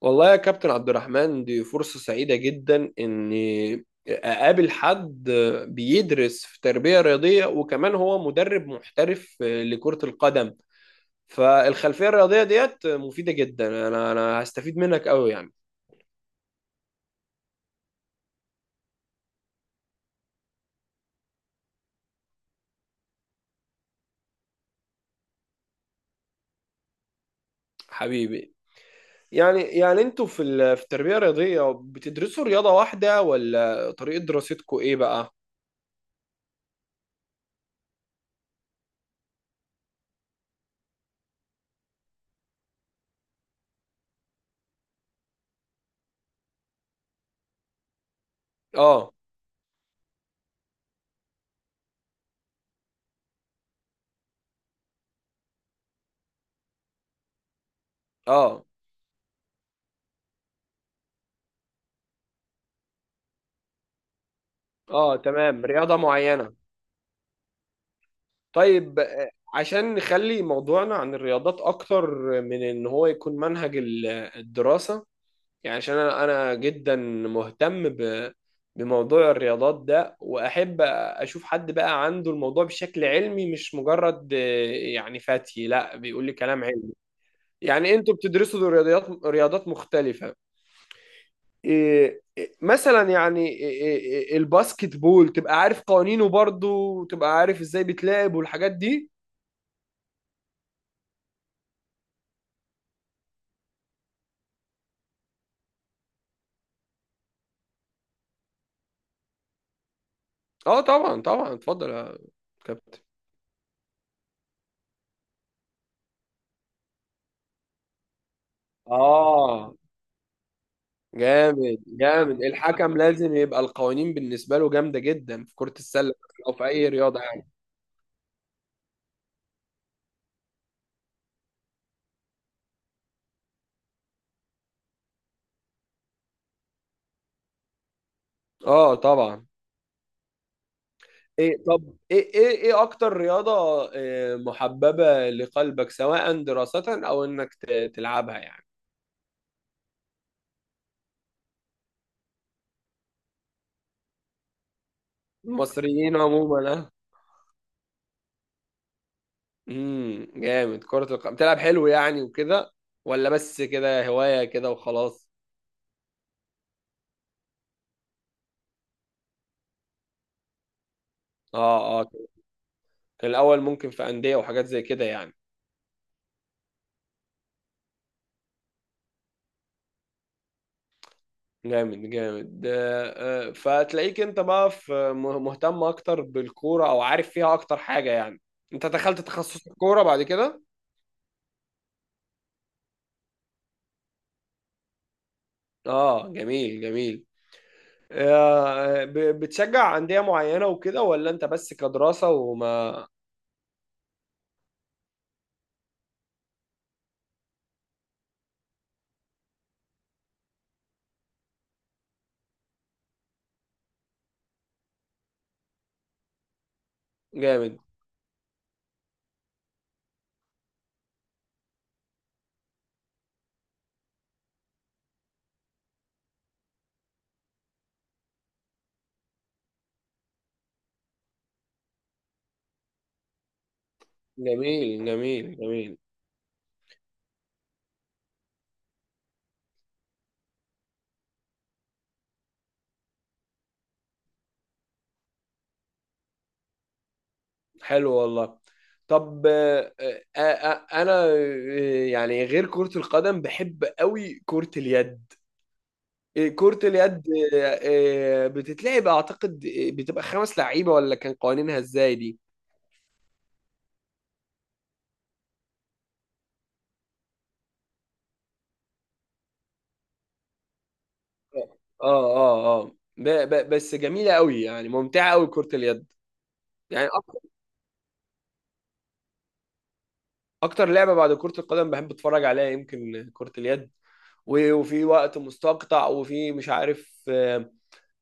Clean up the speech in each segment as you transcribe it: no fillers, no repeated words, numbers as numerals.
والله يا كابتن عبد الرحمن، دي فرصة سعيدة جدا إني أقابل حد بيدرس في تربية رياضية، وكمان هو مدرب محترف لكرة القدم. فالخلفية الرياضية ديت مفيدة جدا. أنا هستفيد منك أوي يعني. حبيبي. يعني أنتوا في التربية الرياضية بتدرسوا رياضة واحدة، ولا طريقة دراستكوا إيه بقى؟ آه. آه. آه، تمام، رياضة معينة. طيب، عشان نخلي موضوعنا عن الرياضات اكتر من ان هو يكون منهج الدراسة. يعني عشان أنا جدا مهتم بموضوع الرياضات ده، واحب اشوف حد بقى عنده الموضوع بشكل علمي، مش مجرد يعني فتي لا بيقول لي كلام علمي. يعني انتوا بتدرسوا رياضات مختلفة. إيه مثلا، يعني إيه الباسكت بول، تبقى عارف قوانينه برضه وتبقى عارف ازاي بيتلعب والحاجات دي. اه طبعا، طبعا، اتفضل يا كابتن. اه جامد، جامد. الحكم لازم يبقى القوانين بالنسبة له جامدة جدا في كرة السلة، او في اي رياضة يعني. اه، طبعا. طب، ايه اكتر رياضة محببة لقلبك، سواء دراسة او انك تلعبها يعني؟ المصريين عموما، اه. جامد. كرة القدم بتلعب حلو يعني وكده، ولا بس كده هواية كده وخلاص؟ اه، اه. كان الاول ممكن في أندية وحاجات زي كده يعني؟ جامد، جامد. فتلاقيك انت بقى مهتم اكتر بالكوره او عارف فيها اكتر حاجه يعني. انت دخلت تخصص الكوره بعد كده؟ اه، جميل، جميل. بتشجع انديه معينه وكده، ولا انت بس كدراسه وما... جامد. جميل، جميل، جميل. حلو والله. طب، انا، يعني غير كره القدم بحب قوي كره اليد. إيه، كرة اليد! إيه، بتتلعب اعتقد، إيه، بتبقى 5 لعيبة؟ ولا كان قوانينها ازاي دي؟ اه، اه، اه. ب ب بس جميلة قوي يعني، ممتعة قوي كرة اليد. يعني أكتر لعبة بعد كرة القدم بحب اتفرج عليها يمكن كرة اليد. وفي وقت مستقطع، وفي مش عارف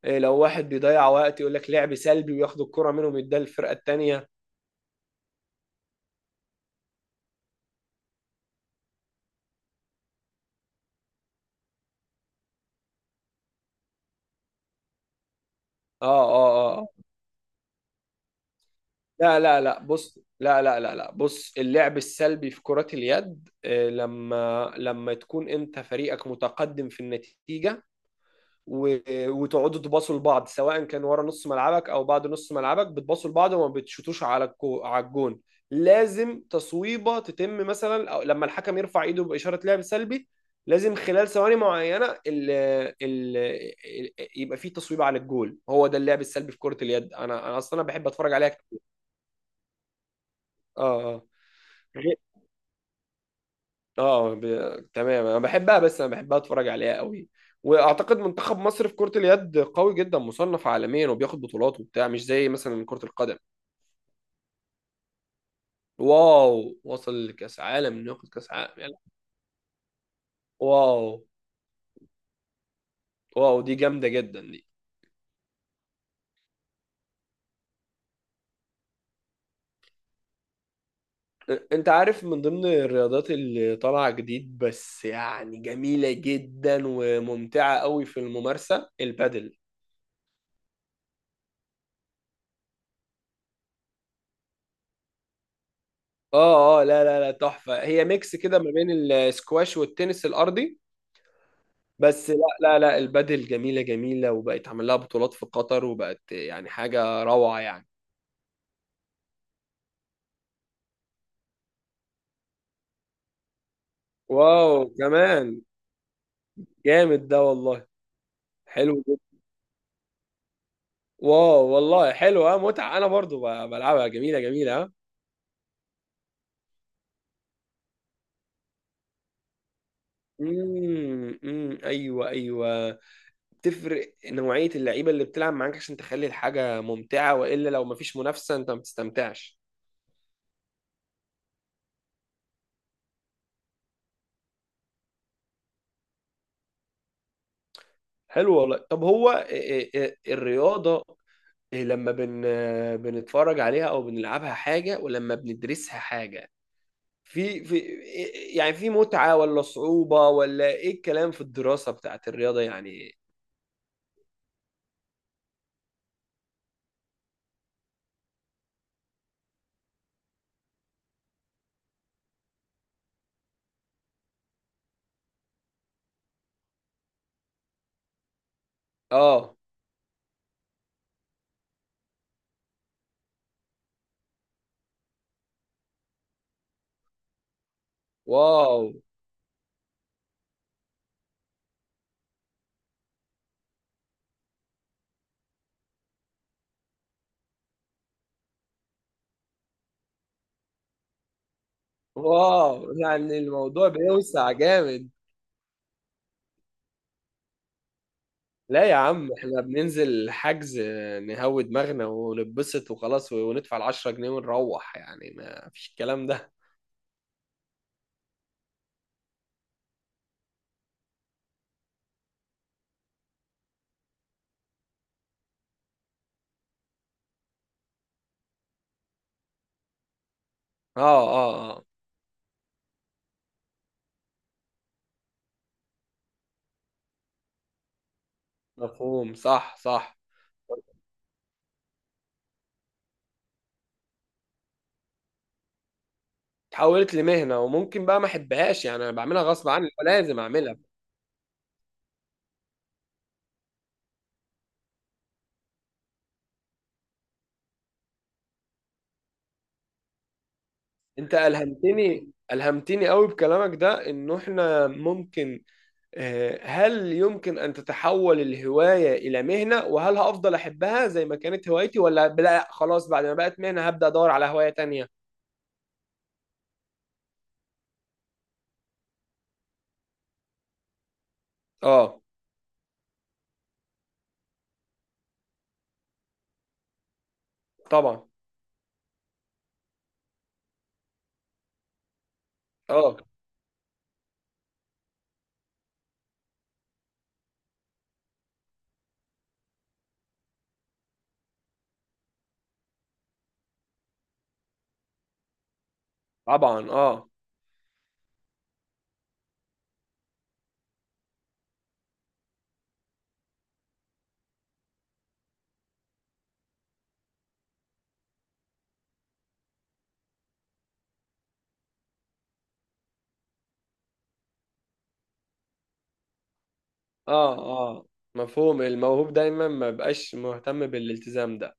لو واحد بيضيع وقت يقول لك لعب سلبي، وياخد الكرة منهم يديها للفرقة التانية. اه، اه، اه، آه. لا، لا، لا، بص، لا، لا، لا، لا، بص، اللعب السلبي في كرة اليد لما تكون انت فريقك متقدم في النتيجة، و- وتقعدوا تباصوا لبعض، سواء كان ورا نص ملعبك او بعد نص ملعبك، بتباصوا لبعض وما بتشوتوش على الجون، لازم تصويبة تتم مثلا، أو لما الحكم يرفع ايده بإشارة لعب سلبي، لازم خلال ثواني معينة ال يبقى في تصويبة على الجول. هو ده اللعب السلبي في كرة اليد. انا انا اصلا أنا بحب اتفرج عليها كتير. اه. آه. غير- اه ب... تمام، انا بحبها، بس انا بحبها اتفرج عليها قوي. واعتقد منتخب مصر في كرة اليد قوي جدا، مصنف عالميا وبياخد بطولات وبتاع، مش زي مثلا كرة القدم. واو، وصل لكاس عالم! انه ياخد كاس عالم، يلا. واو. واو، دي جامدة جدا دي. انت عارف من ضمن الرياضات اللي طالعة جديد، بس يعني جميلة جدا وممتعة قوي في الممارسة، البادل. اه، اه، لا، لا، لا، تحفة. هي ميكس كده ما بين السكواش والتنس الارضي. بس لا، لا، لا، البادل جميلة، جميلة، وبقت عمل لها بطولات في قطر، وبقت يعني حاجة روعة يعني. واو، كمان! جامد ده والله. حلو جدا. واو والله، حلو. اه، متعة. انا برضو بلعبها جميلة، جميلة، اه. امم، أمم، ايوه، ايوه. بتفرق نوعية اللعيبة اللي بتلعب معاك، عشان تخلي الحاجة ممتعة، والا لو مفيش منافسة انت ما بتستمتعش. حلو والله. طب هو إيه الرياضة، إيه، لما بنتفرج عليها او بنلعبها حاجه، ولما بندرسها حاجه، في يعني في متعه ولا صعوبه، ولا ايه الكلام في الدراسه بتاعت الرياضه يعني؟ اه. واو. واو، يعني الموضوع بيوسع جامد. لا يا عم، احنا بننزل حجز نهوي دماغنا ونتبسط وخلاص، وندفع العشرة جنيه ونروح، يعني ما فيش الكلام ده. اه، اه، اه. مفهوم، صح، صح. اتحولت لمهنه، وممكن بقى ما احبهاش، يعني انا بعملها غصب عني لازم اعملها. انت الهمتني قوي بكلامك ده، انه احنا ممكن هل يمكن ان تتحول الهوايه الى مهنه؟ وهل هفضل احبها زي ما كانت هوايتي، ولا لا خلاص بعد ما بقت مهنه هبدا ادور على هوايه تانية؟ اه، طبعا. اه، طبعا. اه، اه، اه. مفهوم. الموهوب دايما ما بقاش مهتم بالالتزام ده.